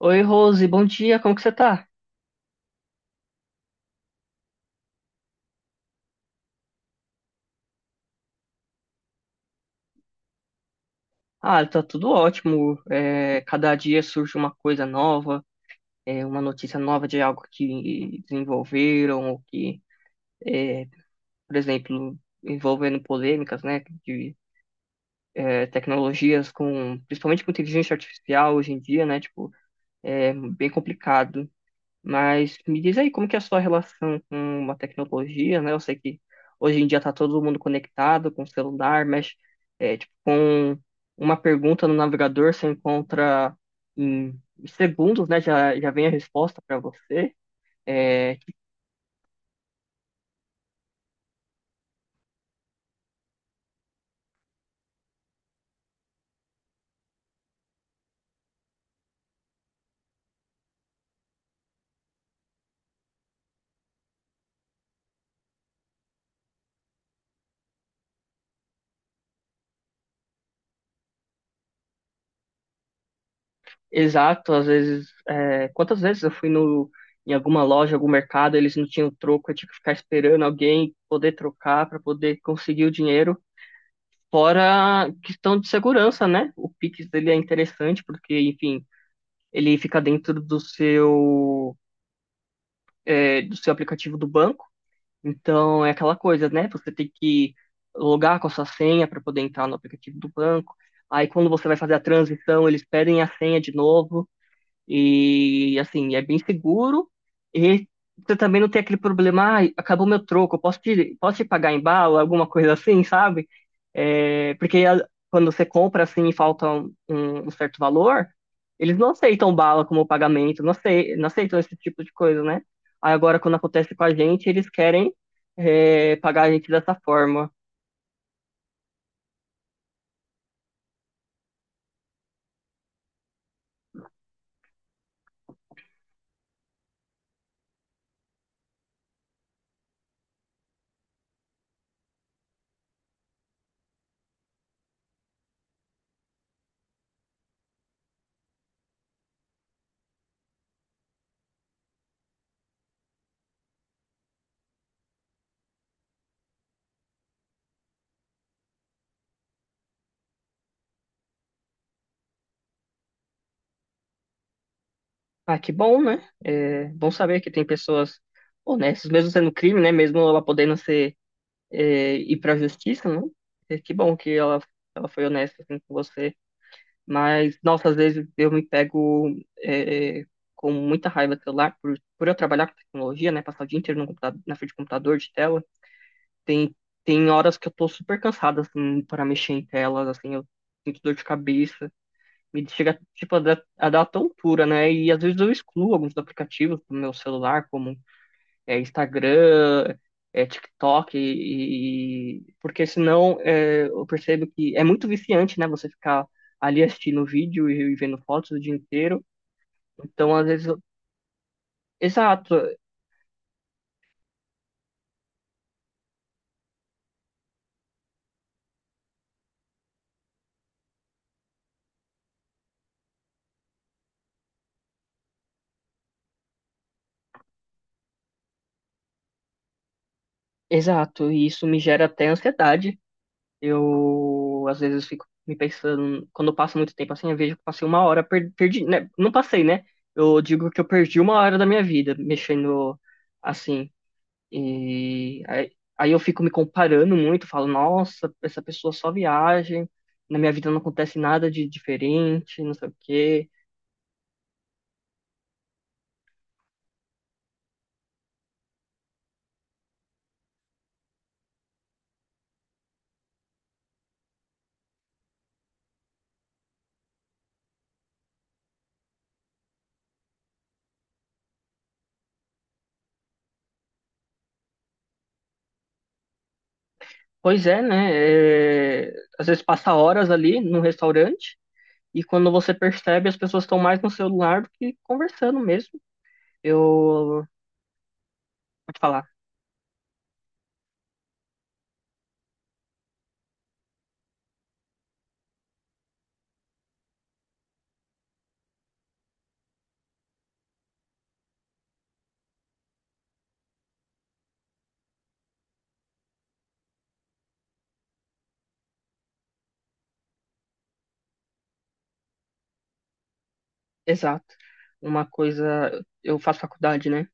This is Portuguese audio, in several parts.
Oi, Rose, bom dia, como que você tá? Ah, tá tudo ótimo. Cada dia surge uma coisa nova, uma notícia nova de algo que desenvolveram, é, por exemplo, envolvendo polêmicas, né, de tecnologias com, principalmente com inteligência artificial hoje em dia, né, tipo, é bem complicado. Mas me diz aí, como que é a sua relação com a tecnologia, né? Eu sei que hoje em dia está todo mundo conectado com o celular, mas tipo, com uma pergunta no navegador você encontra em segundos, né? Já vem a resposta para você. É, exato. Às vezes, quantas vezes eu fui no, em alguma loja, algum mercado, eles não tinham troco, eu tinha que ficar esperando alguém poder trocar para poder conseguir o dinheiro. Fora a questão de segurança, né? O Pix dele é interessante porque, enfim, ele fica dentro do do seu aplicativo do banco. Então é aquela coisa, né? Você tem que logar com a sua senha para poder entrar no aplicativo do banco. Aí quando você vai fazer a transição, eles pedem a senha de novo. E assim, é bem seguro. E você também não tem aquele problema, ah, acabou meu troco, posso te pagar em bala, alguma coisa assim, sabe? É, porque a- quando você compra assim e falta um certo valor, eles não aceitam bala como pagamento, não aceitam esse tipo de coisa, né? Aí agora, quando acontece com a gente, eles querem pagar a gente dessa forma. Ah, que bom, né? É bom saber que tem pessoas honestas, mesmo sendo crime, né? Mesmo ela podendo ir pra justiça, né? Que bom que ela foi honesta assim, com você. Mas, nossa, às vezes eu me pego é, com muita raiva do celular por eu trabalhar com tecnologia, né? Passar o dia inteiro no computa- na frente do computador, de tela. Tem, tem horas que eu tô super cansada, assim, para mexer em telas, assim, eu sinto dor de cabeça. Me chega, tipo, a dar tontura, né? E às vezes eu excluo alguns aplicativos do meu celular, como Instagram, TikTok, porque senão eu percebo que é muito viciante, né? Você ficar ali assistindo vídeo e vendo fotos o dia inteiro. Então, às vezes, eu- exato, exato, e isso me gera até ansiedade. Eu, às vezes, fico me pensando, quando eu passo muito tempo assim, eu vejo que eu passei uma hora, perdi, né? Não passei, né? Eu digo que eu perdi uma hora da minha vida mexendo assim. E aí, eu fico me comparando muito, falo, nossa, essa pessoa só viaja, na minha vida não acontece nada de diferente, não sei o quê. Pois é, né? É, às vezes passa horas ali no restaurante e quando você percebe, as pessoas estão mais no celular do que conversando mesmo. Vou te falar, exato. Uma coisa, eu faço faculdade, né?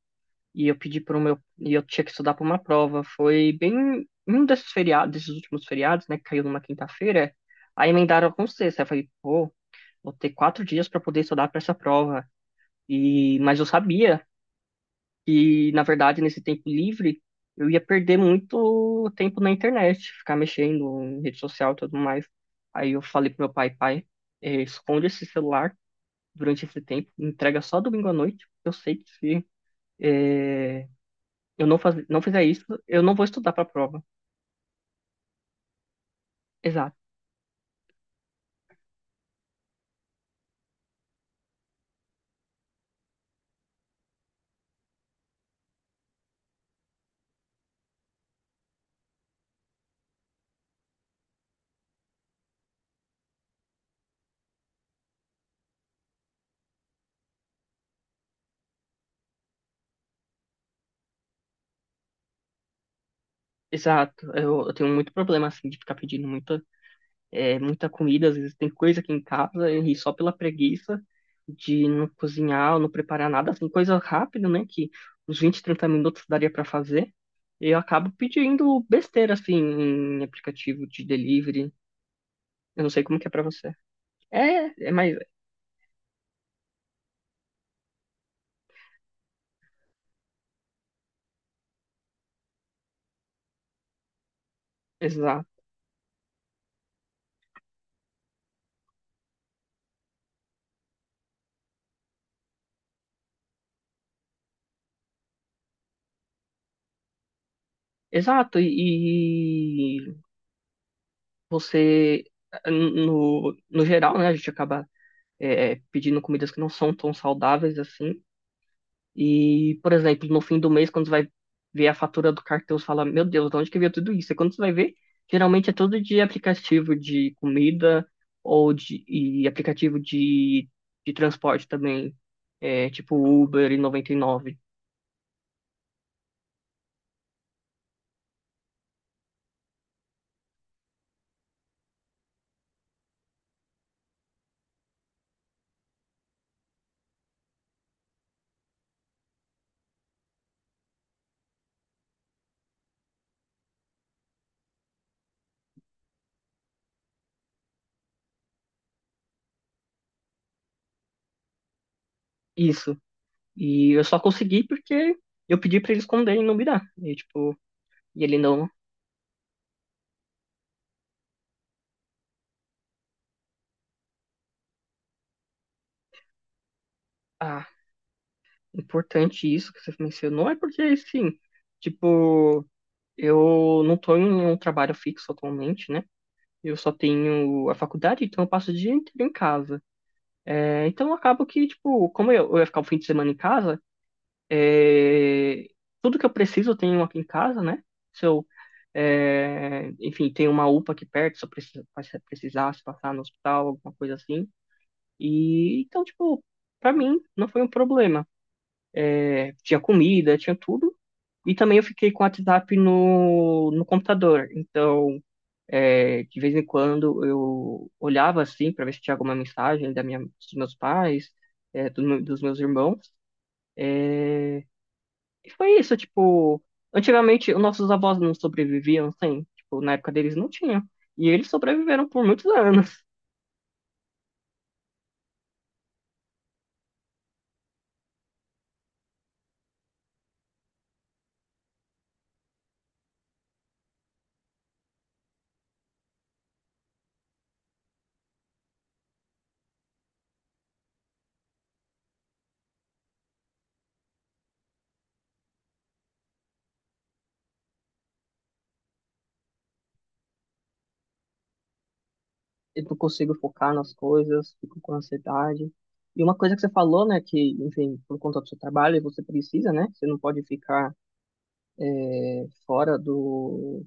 e eu pedi para o meu e eu tinha que estudar para uma prova. Foi bem um desses feriados, desses últimos feriados, né, que caiu numa quinta-feira. Aí emendaram com sexta. Aí eu falei, pô, vou ter quatro dias para poder estudar para essa prova. Mas eu sabia que na verdade nesse tempo livre eu ia perder muito tempo na internet, ficar mexendo em rede social e tudo mais. Aí eu falei pro meu pai, pai, esconde esse celular durante esse tempo, entrega só domingo à noite. Porque eu sei que se eh, eu não faz, não fizer isso, eu não vou estudar para a prova. Exato. Exato. Eu tenho muito problema assim de ficar pedindo muita comida, às vezes tem coisa aqui em casa e só pela preguiça de não cozinhar ou não preparar nada, assim, coisa rápida, né, que uns 20 ou 30 minutos daria para fazer. Eu acabo pedindo besteira assim em aplicativo de delivery. Eu não sei como que é para você. É, é mais exato. Exato, você no geral, né, a gente acaba pedindo comidas que não são tão saudáveis assim. E, por exemplo, no fim do mês, quando você vai ver a fatura do cartão, você fala, meu Deus, de onde que veio tudo isso? E quando você vai ver, geralmente é tudo de aplicativo de comida ou de aplicativo de transporte também, tipo Uber e 99. Isso. E eu só consegui porque eu pedi pra ele esconder e não me dar. E, tipo, e ele não. Ah, importante isso que você mencionou, é porque, assim, tipo, eu não estou em um trabalho fixo atualmente, né? Eu só tenho a faculdade, então eu passo o dia inteiro em casa. É, então acabo que, tipo, como eu ia ficar o fim de semana em casa, é, tudo que eu preciso eu tenho aqui em casa, né? Se eu, é, enfim, tem uma UPA aqui perto, se eu precisar, se eu precisasse passar no hospital, alguma coisa assim. E então, tipo, pra mim não foi um problema. É, tinha comida, tinha tudo. E também eu fiquei com o WhatsApp no computador. Então, é, de vez em quando eu olhava assim para ver se tinha alguma mensagem dos meus pais, dos meus irmãos. E foi isso, tipo, antigamente os nossos avós não sobreviviam sem, tipo, na época deles não tinha. E eles sobreviveram por muitos anos. Eu não consigo focar nas coisas, fico com ansiedade. E uma coisa que você falou, né, que, enfim, por conta do seu trabalho, você precisa, né, você não pode ficar é, fora do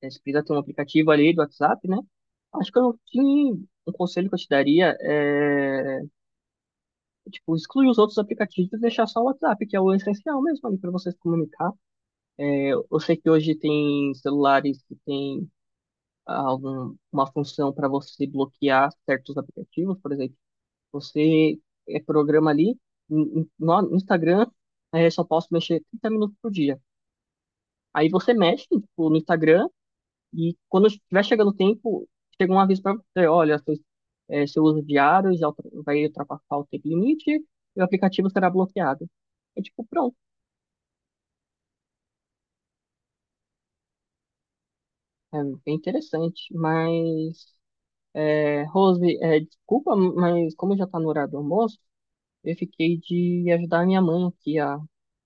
Você precisa ter um aplicativo ali do WhatsApp, né? Acho que eu não tinha um conselho que eu te daria é, tipo, excluir os outros aplicativos e deixar só o WhatsApp, que é o essencial mesmo ali para você se comunicar. Eu sei que hoje tem celulares que tem uma função para você bloquear certos aplicativos, por exemplo, você programa ali, no Instagram, só posso mexer 30 minutos por dia. Aí você mexe, tipo, no Instagram, e quando estiver chegando o tempo, chega um aviso para você, olha, seu uso diário vai ultrapassar o tempo limite e o aplicativo será bloqueado. É tipo, pronto, é bem interessante. Mas, Rose, desculpa, mas como já está no horário do almoço, eu fiquei de ajudar minha mãe aqui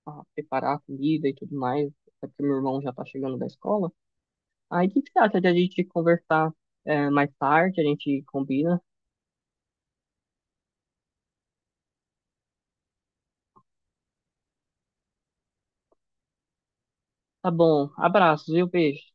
a preparar a comida e tudo mais, até porque meu irmão já está chegando da escola. Aí, o que que você acha de a gente conversar, mais tarde? A gente combina. Tá bom, abraços, viu? Beijo.